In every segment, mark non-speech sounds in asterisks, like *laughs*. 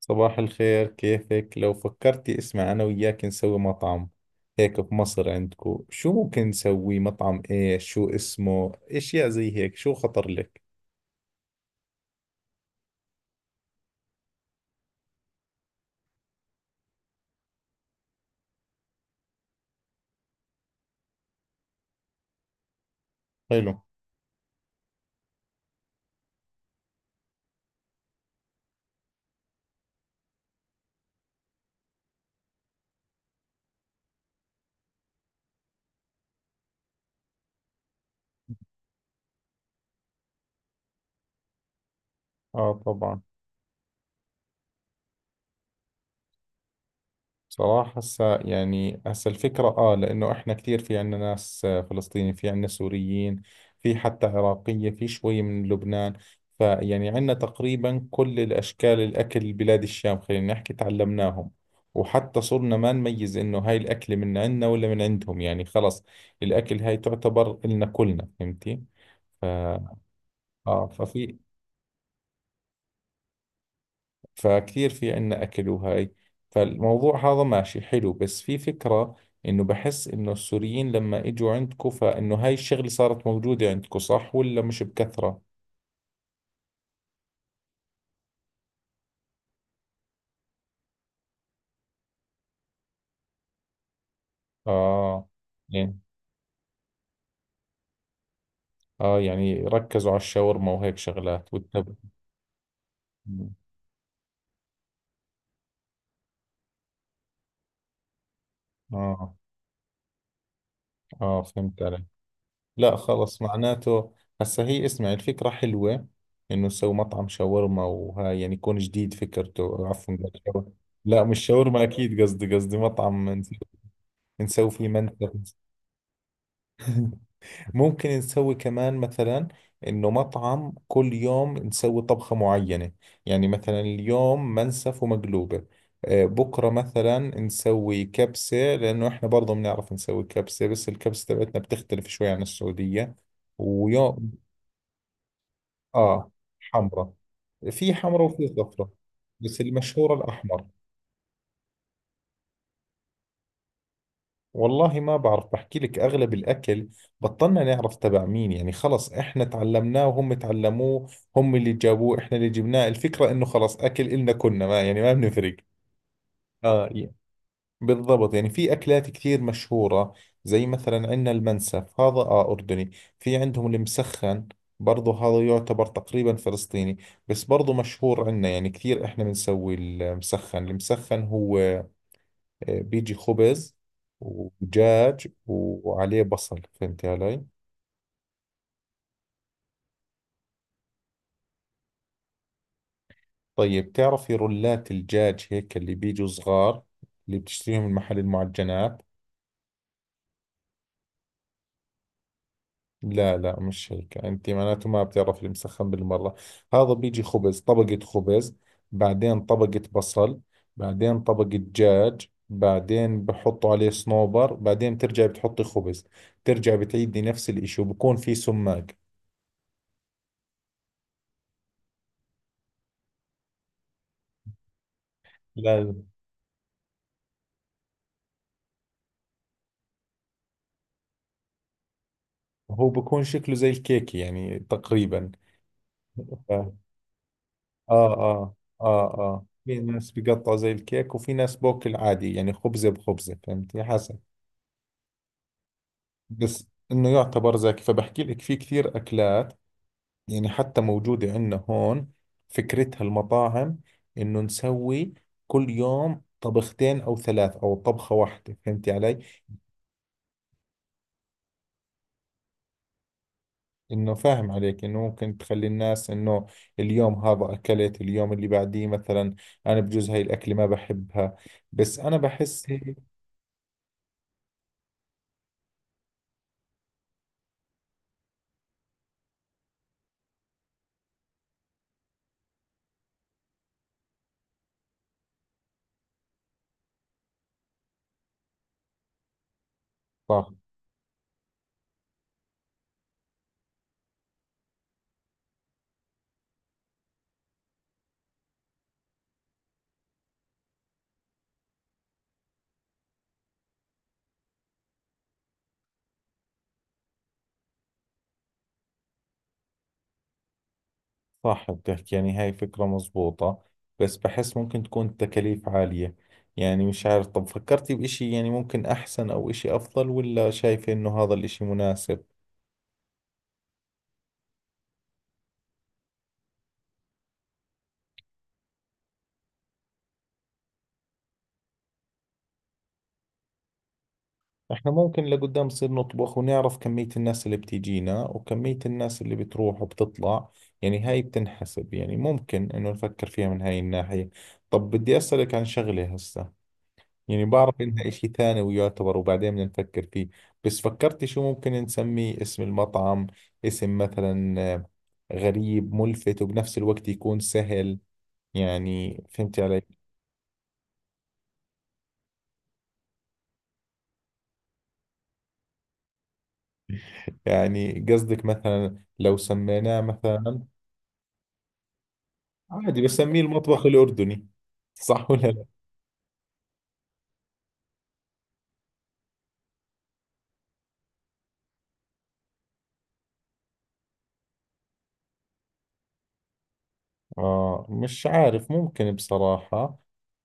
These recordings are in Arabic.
صباح الخير، كيفك؟ لو فكرتي اسمع أنا وياك نسوي مطعم هيك بمصر عندكو. شو ممكن نسوي مطعم؟ إيش شو اسمه أشياء زي هيك؟ شو خطر لك؟ حلو. آه طبعا. صراحة هسا يعني هسا الفكرة آه، لأنه إحنا كثير في عندنا ناس فلسطيني، في عندنا سوريين، في حتى عراقية، في شوي من لبنان. فيعني عندنا تقريبا كل الأشكال، الأكل بلاد الشام خلينا نحكي تعلمناهم. وحتى صرنا ما نميز إنه هاي الأكلة من عندنا ولا من عندهم، يعني خلص الأكل هاي تعتبر إلنا كلنا، فهمتي؟ ف... آه، ففي، فكثير في عنا أكل وهاي. فالموضوع هذا ماشي حلو، بس في فكرة إنه بحس إنه السوريين لما إجوا عندكم، فإنه هاي الشغلة صارت موجودة عندكم صح ولا مش بكثرة؟ آه يعني، آه يعني ركزوا على الشاورما وهيك شغلات مم. آه. آه، فهمت عليك. لا خلص معناته، هسا هي اسمع، الفكرة حلوة إنه نسوي مطعم شاورما وهاي، يعني يكون جديد فكرته. عفوا قال شاورما. لا مش شاورما أكيد، قصدي مطعم نسوي فيه منتر. *laughs* ممكن نسوي كمان مثلا انه مطعم كل يوم نسوي طبخة معينة. يعني مثلا اليوم منسف ومقلوبة، بكرة مثلا نسوي كبسة، لأنه إحنا برضه بنعرف نسوي كبسة، بس الكبسة تبعتنا بتختلف شوي عن السعودية. ويوم آه، حمرة. في حمرة وفي صفرة، بس المشهورة الأحمر. والله ما بعرف، بحكي لك أغلب الأكل بطلنا نعرف تبع مين، يعني خلص إحنا تعلمناه وهم تعلموه، هم اللي جابوه إحنا اللي جبناه، الفكرة إنه خلص أكل إلنا، كنا ما يعني ما بنفرق. آه ي- بالضبط. يعني في أكلات كثير مشهورة، زي مثلا عندنا المنسف هذا آه أردني، في عندهم المسخن، برضه هذا يعتبر تقريبا فلسطيني، بس برضه مشهور عندنا يعني كثير. إحنا بنسوي المسخن، المسخن هو بيجي خبز ودجاج وعليه بصل، فهمت علي؟ طيب تعرفي رولات الدجاج هيك اللي بيجوا صغار اللي بتشتريهم من محل المعجنات؟ لا لا مش هيك. انت معناته ما بتعرف المسخن بالمرة. هذا بيجي خبز، طبقة خبز، بعدين طبقة بصل، بعدين طبقة دجاج، بعدين بحطوا عليه صنوبر، بعدين بترجعي بتحطي خبز، ترجع بتعيدي نفس الاشي، وبكون في سماق. لا لا. هو بكون شكله زي الكيكة يعني تقريبا. آه. آه آه، في ناس بيقطعوا زي الكيك، وفي ناس بوكل عادي يعني خبزة بخبزة، فهمتي، حسب. بس إنه يعتبر زاكي، فبحكي لك في كثير أكلات يعني حتى موجودة عندنا هون. فكرتها المطاعم إنه نسوي كل يوم طبختين أو ثلاث أو طبخة واحدة، فهمتي علي؟ انه فاهم عليك انه ممكن تخلي الناس انه اليوم هذا اكلت، اليوم اللي بعديه مثلا انا بجوز هاي الاكله ما بحبها، بس انا بحس هي صح. صح، بتحكي يعني هاي فكره مزبوطه، بس بحس ممكن تكون التكاليف عاليه. يعني مش عارف، طب فكرتي بإشي يعني ممكن احسن او إشي افضل، ولا شايفه انه هذا الإشي مناسب؟ احنا ممكن لقدام نصير نطبخ ونعرف كمية الناس اللي بتيجينا وكمية الناس اللي بتروح وبتطلع، يعني هاي بتنحسب. يعني ممكن انه نفكر فيها من هاي الناحية. طب بدي اسألك عن شغلة هسه، يعني بعرف انها اشي ثاني ويعتبر وبعدين بدنا نفكر فيه، بس فكرتي شو ممكن نسميه اسم المطعم؟ اسم مثلا غريب ملفت وبنفس الوقت يكون سهل، يعني فهمتي علي؟ يعني قصدك مثلا لو سميناه مثلا عادي بسميه المطبخ الأردني، صح ولا لا؟ آه مش عارف ممكن بصراحة،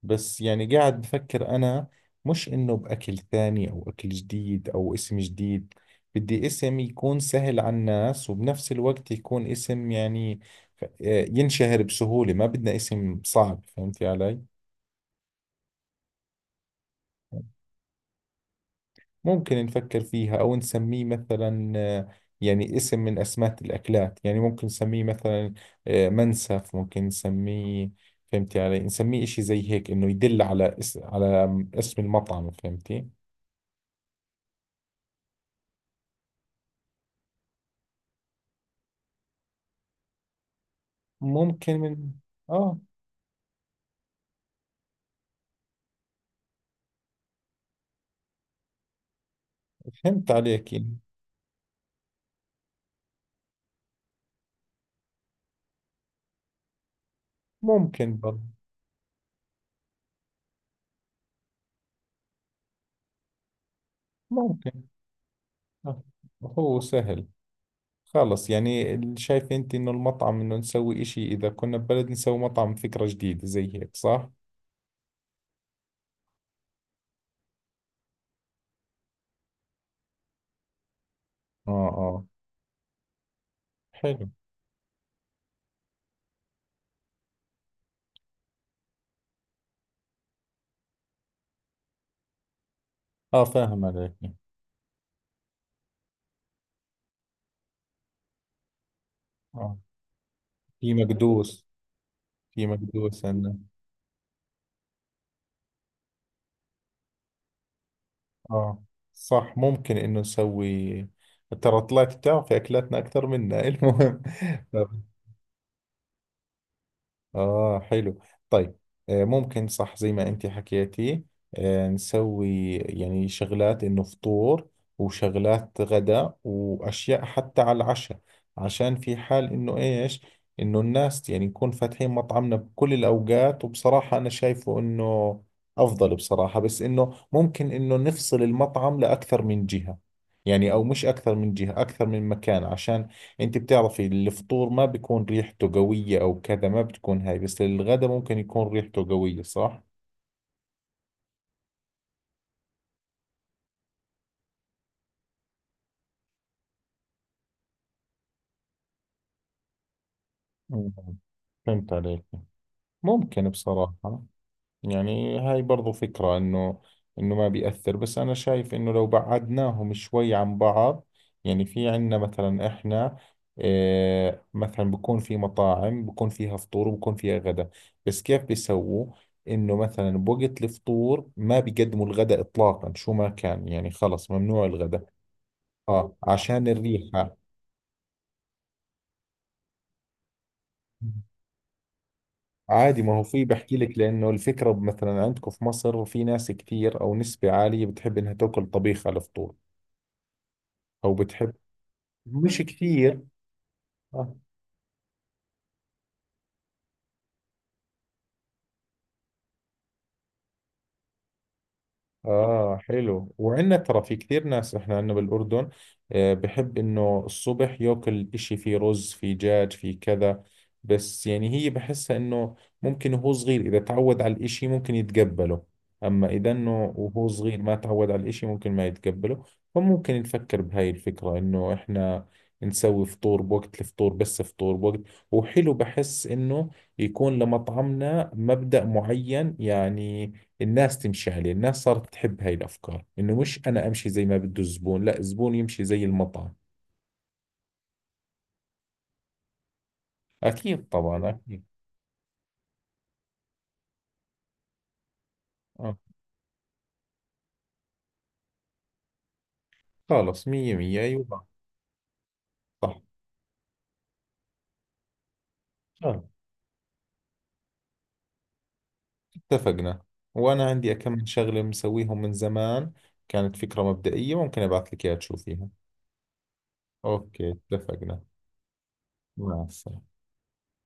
بس يعني قاعد بفكر أنا، مش إنه بأكل ثاني أو أكل جديد أو اسم جديد، بدي اسم يكون سهل على الناس وبنفس الوقت يكون اسم يعني ف- آه، ينشهر بسهولة، ما بدنا اسم صعب، فهمتي علي؟ ممكن نفكر فيها، أو نسميه مثلا يعني اسم من أسماء الأكلات، يعني ممكن نسميه مثلا منسف، ممكن نسميه، فهمتي علي، نسميه إشي زي هيك إنه يدل على على اسم المطعم، فهمتي؟ ممكن من، آه فهمت عليك يعني. ممكن برضه. ممكن. آه. هو سهل. خلص يعني شايف أنت إنه المطعم إنه نسوي إشي، إذا كنا ببلد نسوي مطعم فكرة جديدة زي هيك، صح؟ آه. آه حلو. آه فاهم عليك. اه. في مقدوس، في مقدوس عندنا. اه صح، ممكن انه نسوي. ترى طلعت بتعرفي اكلاتنا اكثر منا. *laughs* المهم، آه حلو. طيب، ممكن صح زي ما أنت حكيتي، نسوي يعني شغلات إنه فطور وشغلات غداء وأشياء حتى على العشاء، عشان في حال إنه إيش، إنه الناس يعني نكون فاتحين مطعمنا بكل الأوقات. وبصراحة أنا شايفه إنه أفضل بصراحة، بس إنه ممكن إنه نفصل المطعم لأكثر من جهة، يعني أو مش أكثر من جهة، أكثر من مكان، عشان انت بتعرفي الفطور ما بيكون ريحته قوية او كذا، ما بتكون هاي، بس الغداء ممكن يكون ريحته قوية، صح؟ مم. فهمت عليك. ممكن بصراحة، يعني هاي برضو فكرة، انه انه ما بيأثر، بس انا شايف انه لو بعدناهم شوي عن بعض. يعني في عندنا مثلا احنا آه مثلا بكون في مطاعم بكون فيها فطور وبكون فيها غدا، بس كيف بيسووا؟ انه مثلا بوقت الفطور ما بيقدموا الغدا اطلاقا، شو ما كان يعني خلص ممنوع الغدا. اه عشان الريحة. عادي، ما هو في بحكي لك، لانه الفكرة مثلا عندكم في مصر في ناس كثير او نسبة عالية بتحب انها تاكل طبيخ على الفطور، او بتحب، مش كتير. آه. آه حلو، وعندنا ترى في كثير ناس، إحنا عندنا بالأردن بحب إنه الصبح ياكل إشي فيه رز فيه دجاج فيه كذا. بس يعني هي بحسها إنه ممكن وهو صغير إذا تعود على الإشي ممكن يتقبله، أما إذا إنه وهو صغير ما تعود على الإشي ممكن ما يتقبله. فممكن نفكر بهاي الفكرة إنه إحنا نسوي فطور بوقت الفطور، بس فطور بوقت. وحلو بحس إنه يكون لمطعمنا مبدأ معين، يعني الناس تمشي عليه، الناس صارت تحب هاي الأفكار، إنه مش أنا أمشي زي ما بده الزبون، لا الزبون يمشي زي المطعم. أكيد طبعا أكيد. آه خلص، مية مية، أيوة. صح. آه. اتفقنا. وأنا عندي كم شغلة مسويهم من زمان، كانت فكرة مبدئية، ممكن أبعث لك إياها تشوفيها. أوكي اتفقنا. مع السلامة.